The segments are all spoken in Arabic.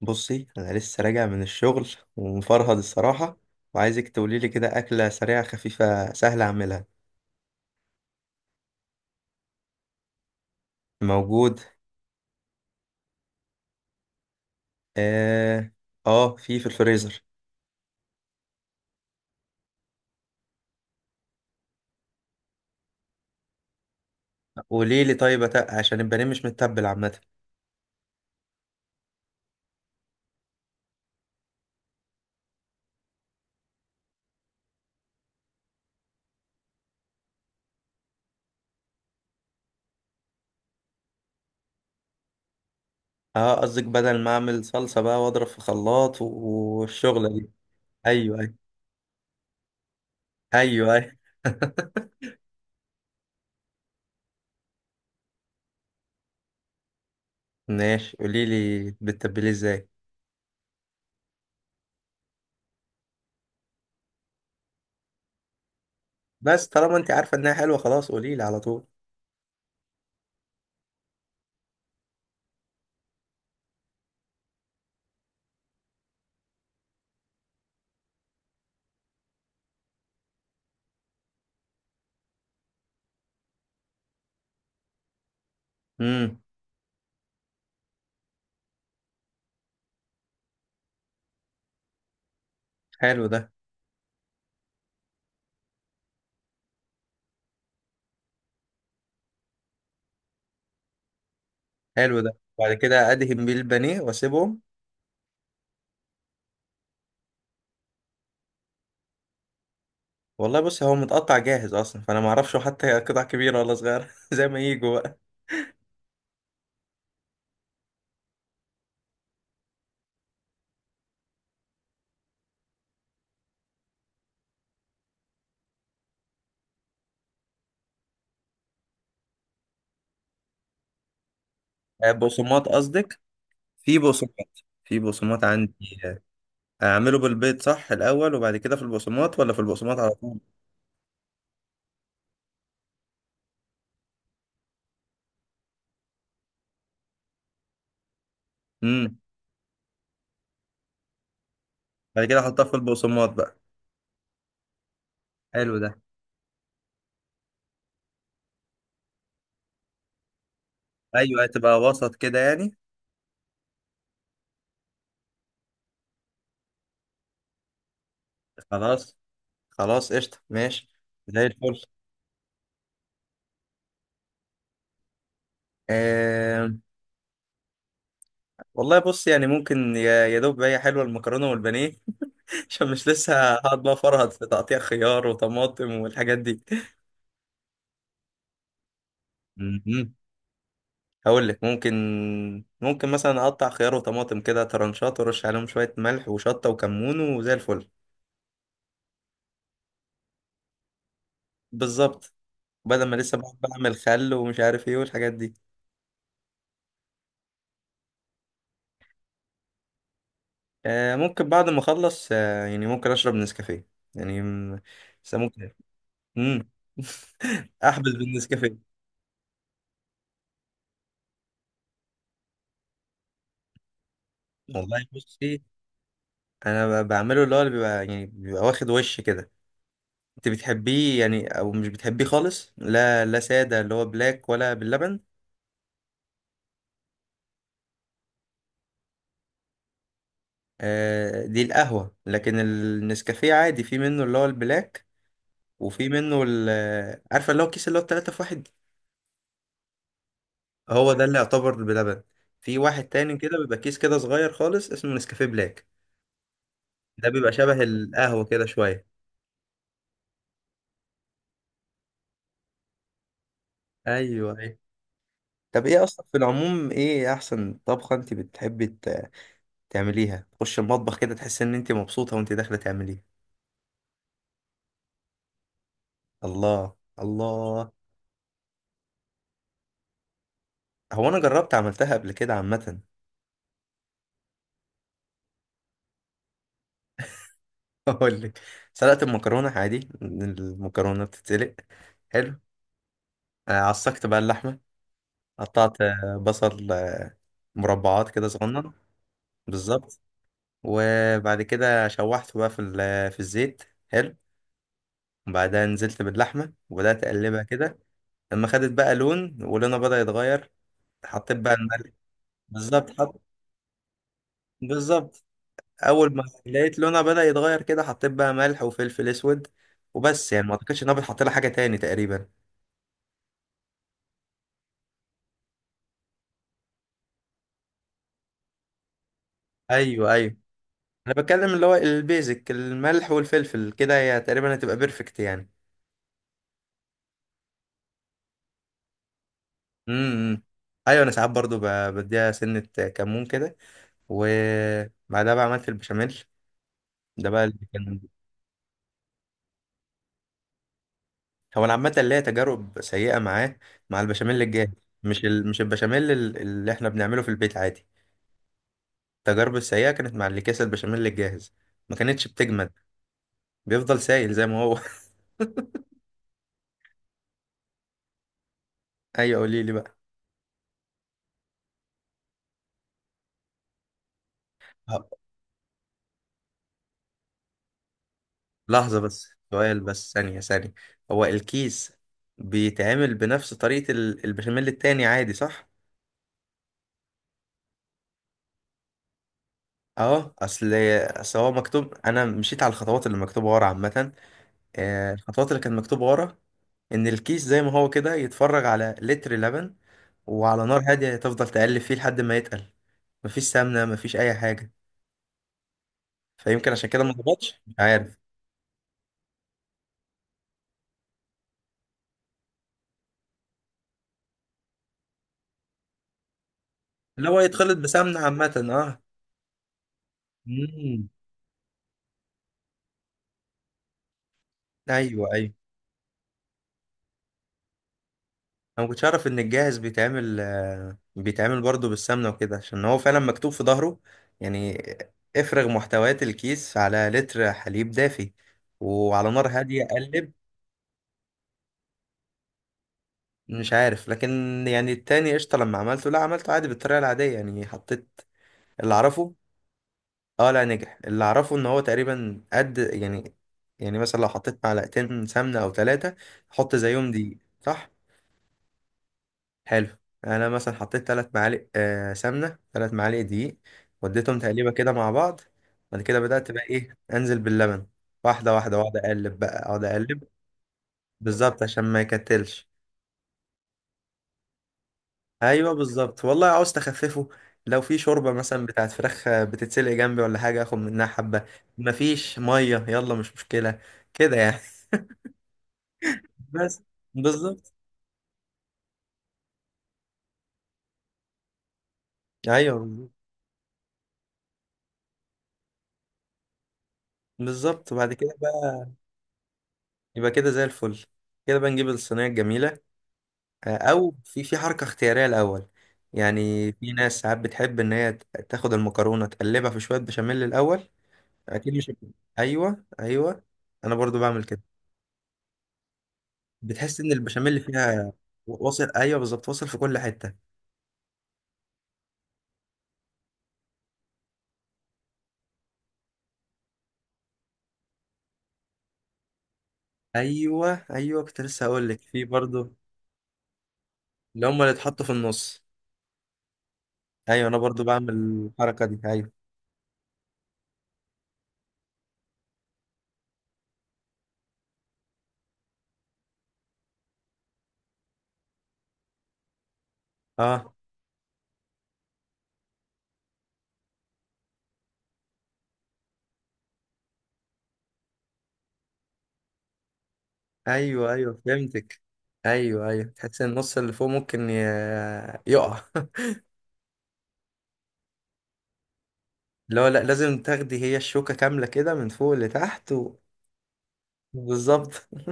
بصي، انا لسه راجع من الشغل ومفرهد الصراحه، وعايزك تقولي لي كده اكله سريعه خفيفه سهله اعملها. موجود. اه، اه. في الفريزر. قولي لي. طيب، عشان البانيه مش متبل عامه. اه، قصدك بدل ما اعمل صلصه بقى واضرب في خلاط والشغله دي. ايوه، ايوه. ايوه، ايوه. ماشي، قولي لي بتتبليه ازاي؟ بس طالما انت عارفه انها حلوه خلاص قولي لي على طول. امم. حلو ده. حلو ده، بعد كده ادهن بيه البانيه واسيبهم. والله بص، هو متقطع جاهز اصلا، فانا ما اعرفش حتى قطع كبيره ولا صغيره زي ما يجوا بقى. آه، بقسماط قصدك؟ في بقسماط عندي اعمله بالبيض صح الاول، وبعد كده في البقسماط، ولا في البقسماط على طول؟ امم. بعد كده احطها في البقسماط بقى. حلو ده. ايوه، هتبقى وسط كده يعني. خلاص. خلاص، قشطه، ماشي. زي الفل. آه، والله بص، يعني ممكن يا دوب هي حلوه المكرونه والبانيه. عشان مش لسه هقعد بقى فرهد في تقطيع خيار وطماطم والحاجات دي. مهم. هقول لك ممكن. ممكن مثلا اقطع خيار وطماطم كده ترنشات وارش عليهم شويه ملح وشطه وكمون وزي الفل. بالظبط. بدل ما لسه بقعد بعمل خل ومش عارف ايه والحاجات دي. آه، ممكن بعد ما اخلص يعني ممكن اشرب نسكافيه. يعني بس ممكن. امم. احبس بالنسكافيه. والله بصي. انا بعمله اللي هو اللي بيبقى يعني بيبقى واخد وش كده. انت بتحبيه يعني او مش بتحبيه خالص؟ لا، لا، ساده اللي هو بلاك ولا باللبن؟ آه، دي القهوة، لكن النسكافيه عادي في منه اللي هو البلاك. وفي منه ال آه، عارفة اللي هو الكيس اللي هو التلاتة في واحد. هو ده اللي يعتبر بلبن. في واحد تاني كده بيبقى كيس كده صغير خالص اسمه نسكافيه بلاك. ده بيبقى شبه القهوة كده شوية. أيوه، أيوه. طب، إيه أصلا في العموم، إيه أحسن طبخة أنت بتحبي تعمليها؟ تخش المطبخ كده تحس إن أنت مبسوطة وأنت داخلة تعمليها. الله، الله. هو أنا جربت عملتها قبل كده عامة. اقول لك. سلقت المكرونه عادي، المكرونه بتتسلق. حلو. عصقت بقى اللحمه. قطعت بصل مربعات كده صغنن. بالظبط. وبعد كده شوحته بقى في في الزيت. حلو. وبعدها نزلت باللحمه وبدات اقلبها كده. لما خدت بقى لون، ولونها بدا يتغير. حطيت بقى الملح. بالظبط، حط. بالظبط. اول ما لقيت لونها بدا يتغير كده، حطيت بقى ملح وفلفل اسود. وبس يعني ما اعتقدش ان انا بتحط لها حاجه تاني تقريبا. ايوه، ايوه. انا بتكلم اللي هو البيزك، الملح والفلفل كده هي تقريبا هتبقى بيرفكت يعني. امم. ايوه، انا ساعات برضو بديها سنة، كمون كده. وبعدها بقى عملت البشاميل. ده بقى اللي كان. هو انا عامة ليا تجارب سيئة معاه، مع البشاميل الجاهز. مش البشاميل اللي احنا بنعمله في البيت عادي. التجارب السيئة كانت مع اللي كيس البشاميل الجاهز. ما كانتش بتجمد. بيفضل سايل زي ما هو. ايوه، قولي لي بقى. لحظة بس، سؤال بس، ثانية، ثانية. هو الكيس بيتعمل بنفس طريقة البشاميل التاني عادي صح؟ اه، اصل هو مكتوب، انا مشيت على الخطوات اللي مكتوبة ورا عامة. الخطوات اللي كانت مكتوبة ورا. ان الكيس زي ما هو كده يتفرج على لتر لبن، وعلى نار هادية تفضل تقلب فيه لحد ما يتقل. مفيش سمنة، مفيش أي حاجة. فيمكن عشان كده ما ظبطش، مش عارف. اللي هو يتخلط بسمنة عامة، اه. مم. أيوه، أيوه. انا ما كنتش اعرف ان الجاهز بيتعمل برضه بالسمنه وكده، عشان هو فعلا مكتوب في ظهره يعني. افرغ محتويات الكيس على لتر حليب دافي، وعلى نار هاديه قلب. مش عارف، لكن يعني التاني قشطه لما عملته، لا، عملته عادي بالطريقه العاديه، يعني حطيت اللي اعرفه. اه لا، نجح. اللي اعرفه ان هو تقريبا قد يعني. يعني مثلا لو حطيت معلقتين سمنه او ثلاثه، حط زيهم دي صح. حلو. يعني انا مثلا حطيت 3 معالق سمنه، 3 معالق دقيق، وديتهم تقليبه كده مع بعض. بعد كده بدات بقى ايه، انزل باللبن. واحده واحده، واقعد اقلب بقى اقعد اقلب. بالظبط، عشان ما يكتلش. ايوه، بالظبط، والله عاوز تخففه. لو في شوربه مثلا بتاعت فراخ بتتسلق جنبي ولا حاجه اخد منها حبه. مفيش ميه، يلا مش مشكله، كده يعني. بس. بالظبط. ايوه، بالظبط، بعد كده بقى. يبقى كده زي الفل. كده بقى نجيب الصينيه الجميله، او في حركه اختياريه الاول. يعني في ناس ساعات بتحب ان هي تاخد المكرونه تقلبها في شويه بشاميل الاول. اكيد مش. ايوه، ايوه، انا برضو بعمل كده. بتحس ان البشاميل فيها، واصل، ايوه بالظبط، واصل في كل حته. ايوه، ايوه، كنت لسه هقول لك في برضو. اللي هم اللي اتحطوا في النص. ايوه، انا برضو بعمل الحركه دي، ايوه. اه. ايوه، ايوه، فهمتك. ايوه، ايوه، تحس ان النص اللي فوق ممكن يقع. لا، لا، لازم تاخدي هي الشوكة كاملة كده من فوق لتحت بالظبط.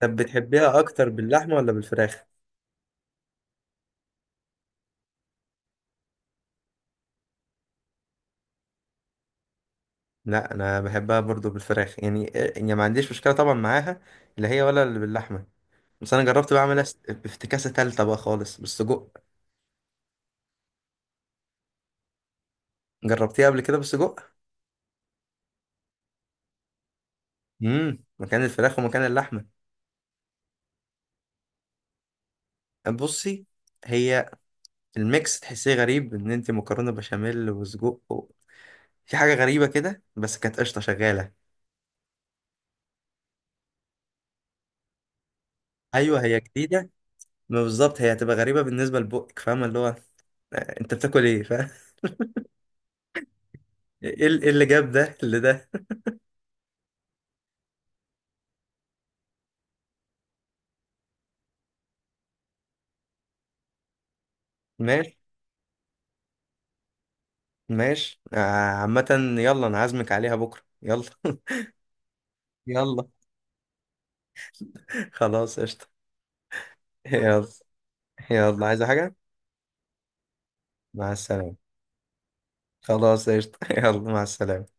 طب بتحبيها أكتر باللحمة ولا بالفراخ؟ لا، أنا بحبها برضو بالفراخ يعني، يعني ما عنديش مشكلة طبعا معاها، لا هي ولا اللي باللحمة. بس أنا جربت بعملها بافتكاسة تالتة بقى خالص بالسجق. جربتيها قبل كده بالسجق؟ امم، مكان الفراخ ومكان اللحمة. بصي، هي الميكس تحسيه غريب إن أنت مكرونة بشاميل وسجق في حاجة غريبة كده بس كانت قشطة شغالة. أيوه، هي جديدة. ما بالظبط، هي هتبقى غريبة بالنسبة لبقك، فاهمة اللي هو انت بتاكل ايه فاهم. إيه إيه اللي جاب ده، إيه اللي ده. ماشي. ماشي عامة، يلا انا عازمك عليها بكرة، يلا. يلا، خلاص، قشطة. يلا. يلا، عايزة حاجة؟ مع السلامة. خلاص، قشطة. يلا، مع السلامة.